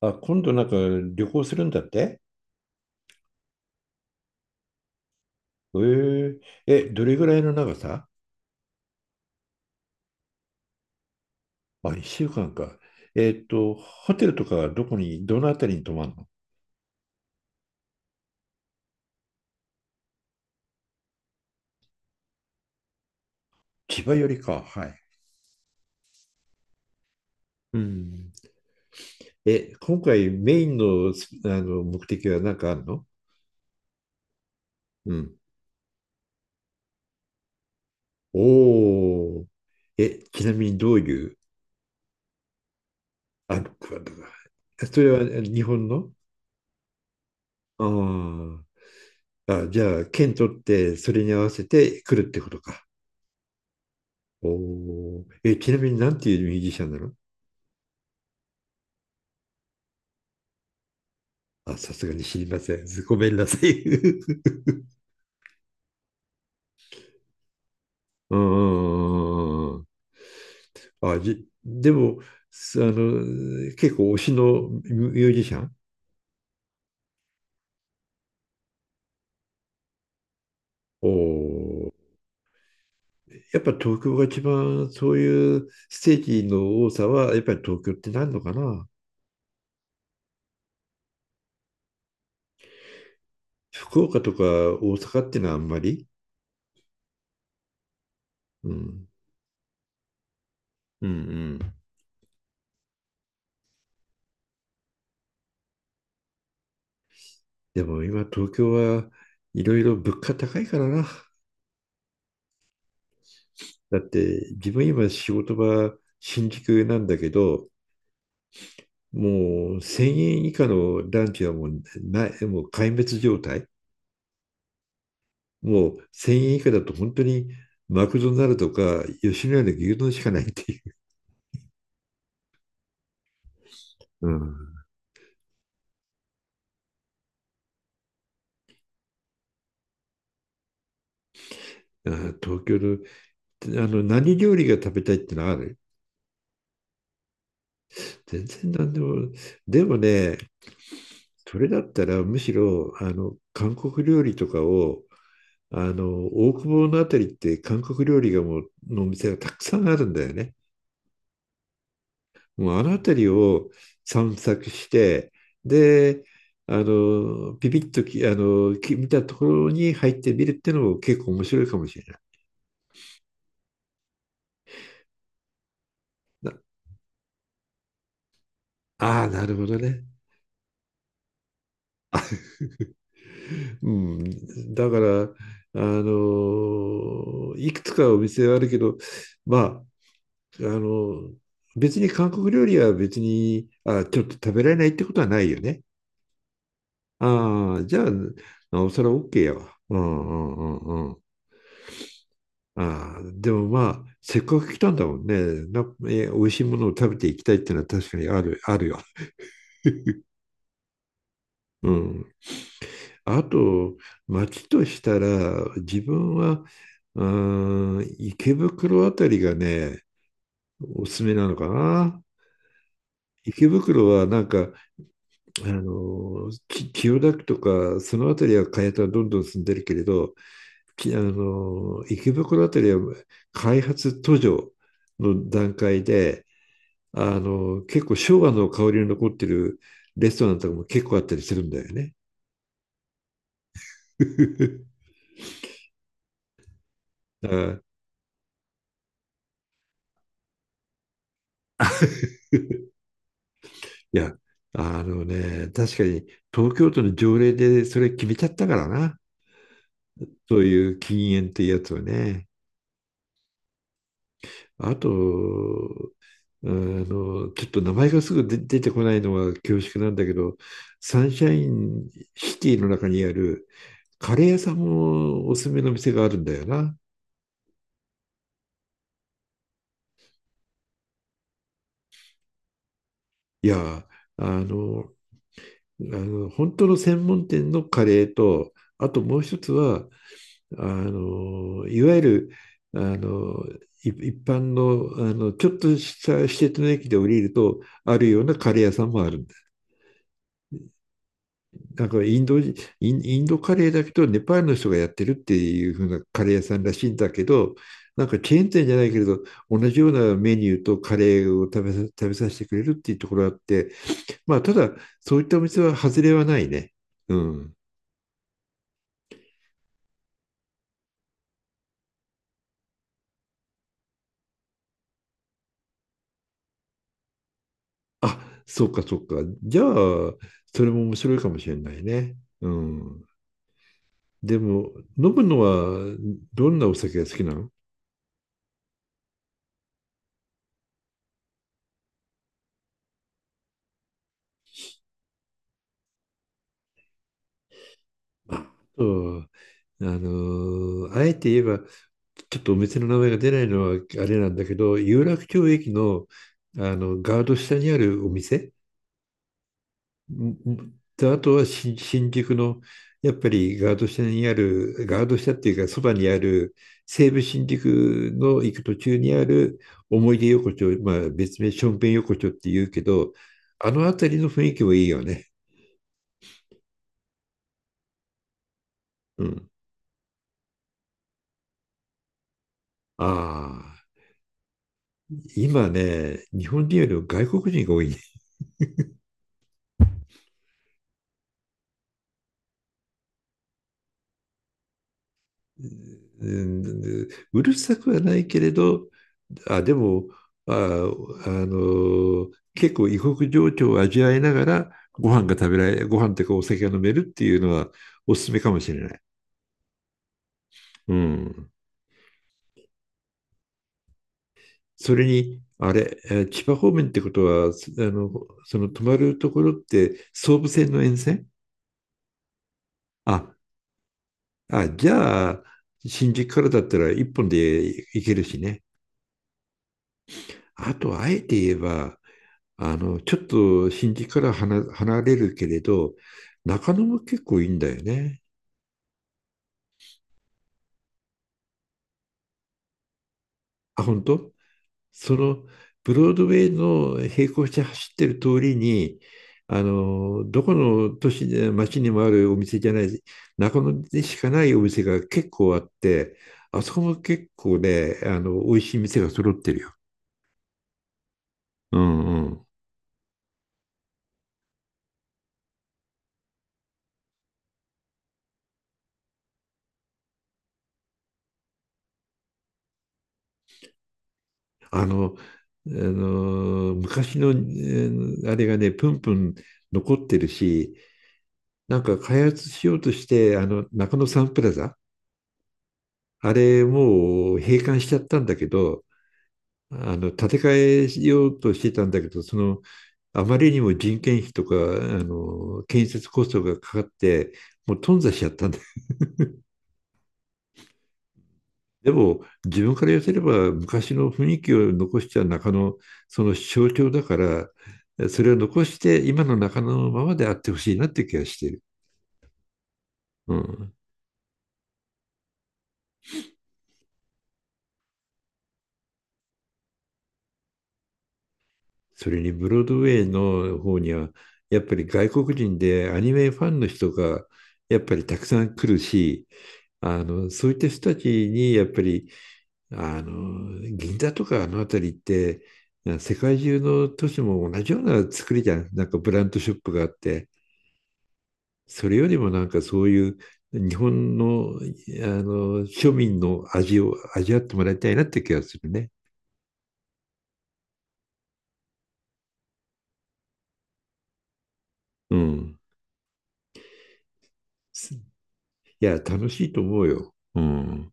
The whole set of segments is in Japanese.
あ、今度なんか旅行するんだって。えー、え、どれぐらいの長さ？あ、1週間かんか。ホテルとかどこに、どのあたりに泊まるの？千葉寄りか。はい。うん。え、今回メインの、すあの目的は何かあるの？うん。おお、ちなみにどういう？クワッドが？それは日本の？あー。あ、じゃあ、県取って、それに合わせて来るってことか。おー、ちなみになんていうミュージシャンなの？あ、さすがに知りません。ごめんなさい。うんうんうんうん。あ、でも、すあの、結構推しのミュージシャン？おー。やっぱ東京が一番そういうステージの多さは、やっぱり東京ってなるのかな？福岡とか大阪っていうのはあんまり。うん。うんうん。でも今東京はいろいろ物価高いからな。だって自分今仕事場新宿なんだけど、もう1000円以下のランチはもうない、もう壊滅状態。もう1000円以下だと本当にマクドナルドか吉野家の牛丼しかないっていう。うん、あー東京の、あの何料理が食べたいってのある？全然何でも。でもね、それだったらむしろあの韓国料理とかを。あの大久保のあたりって韓国料理がもうのお店がたくさんあるんだよね。もうあの辺りを散策して、で、あの、ビビッとき、あの、き見たところに入ってみるっていうのも結構面白いかもしれない。なああ、なるほどね。うん。だから、いくつかお店はあるけど、まあ、あの、別に韓国料理は別に、あ、ちょっと食べられないってことはないよね。ああ、じゃあ、なおさら OK やわ。うんうんうんうん。ああ、でもまあ、せっかく来たんだもんね。な、美味しいものを食べていきたいっていうのは確かにある、あるよ。うん。あと、街としたら、自分は、うん、池袋あたりがね、おすすめなのかな。池袋はなんか、千代田区とか、そのあたりは開発はどんどん進んでるけれど、きあの、池袋あたりは開発途上の段階で、結構昭和の香りの残ってるレストランとかも結構あったりするんだよね。だからや、確かに東京都の条例でそれ決めちゃったからな。そういう禁煙っていうやつはね。あと、ちょっと名前がすぐ出てこないのは恐縮なんだけど、サンシャインシティの中にあるカレー屋さんもおすすめの店があるんだよな。いや、あの、本当の専門店のカレーと、あともう一つは、あの、いわゆる、あの、一般の、ちょっとした施鉄の駅で降りると、あるようなカレー屋さんもある。なんかインドカレーだけど、ネパールの人がやってるっていう風なカレー屋さんらしいんだけど、なんかチェーン店じゃないけれど、同じようなメニューとカレーを食べさせてくれるっていうところがあって、まあ、ただ、そういったお店は外れはないね。うん。あ、そうかそうか。じゃあ、それも面白いかもしれないね。うん。でも、飲むのはどんなお酒が好きなの？あそう。あえて言えば、ちょっとお店の名前が出ないのはあれなんだけど、有楽町駅の、あのガード下にあるお店。んで、あとは新宿の、やっぱりガード下にある、ガード下っていうか、そばにある、西武新宿の行く途中にある思い出横丁、まあ別名ションペン横丁って言うけど、あの辺りの雰囲気もいいよね。うん。ああ、今ね、日本人よりも外国人が多いね。うん、うるさくはないけれど、あ、でも、あ、結構異国情緒を味わいながら、ご飯が食べられ、ご飯というかお酒が飲めるっていうのはおすすめかもしれない。うん。それに、あれ、千葉方面ってことは、すあの、その泊まるところって総武線の沿線？あ、あ、じゃあ、新宿からだったら一本で行けるしね。あと、あえて言えば、ちょっと新宿から離れるけれど、中野も結構いいんだよね。あ、本当？その、ブロードウェイの並行して走ってる通りに、どこの都市で、街にもあるお店じゃない、中野でしかないお店が結構あって、あそこも結構ね、美味しい店が揃ってるよ。うんうん。あの、あの昔の、あれがね、プンプン残ってるし、なんか開発しようとして、中野サンプラザ、あれもう閉館しちゃったんだけど、建て替えようとしてたんだけど、その、あまりにも人件費とか、建設コストがかかって、もう頓挫しちゃったんだ。でも、自分から寄せれば、昔の雰囲気を残した中野、その象徴だから、それを残して、今の中野のままであってほしいなって気がしてる。うん。それにブロードウェイの方には、やっぱり外国人でアニメファンの人がやっぱりたくさん来るし、あのそういった人たちにやっぱりあの銀座とかあの辺りって世界中の都市も同じような作りじゃん。なんかブランドショップがあって。それよりもなんかそういう日本のあの庶民の味を味わってもらいたいなって気がするね。うん、いや楽しいと思うよ。うん。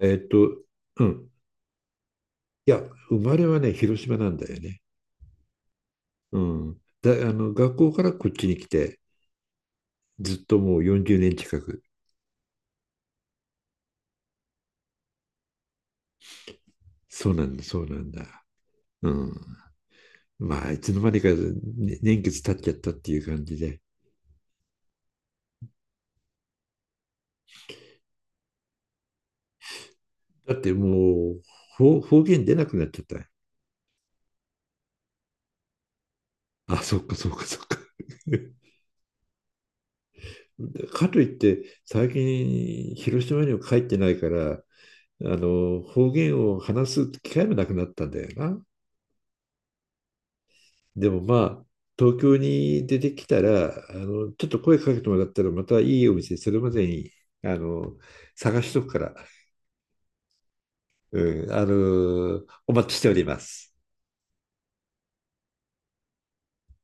えっと、うん。いや、生まれはね、広島なんだよね。うん。だ、あの、学校からこっちに来て、ずっともう40年近く。そうなんだ、そうなんだ。うん。まあ、いつの間にか、ね年月経っちゃったっていう感じで。だってもう、方言出なくなっちゃった。あ、そっか、そっか、そっか。かといって、最近、広島には帰ってないから、方言を話す機会もなくなったんだよな。でもまあ、東京に出てきたら、ちょっと声かけてもらったら、またいいお店、それまでに、あの、探しとくから、うん、お待ちしております。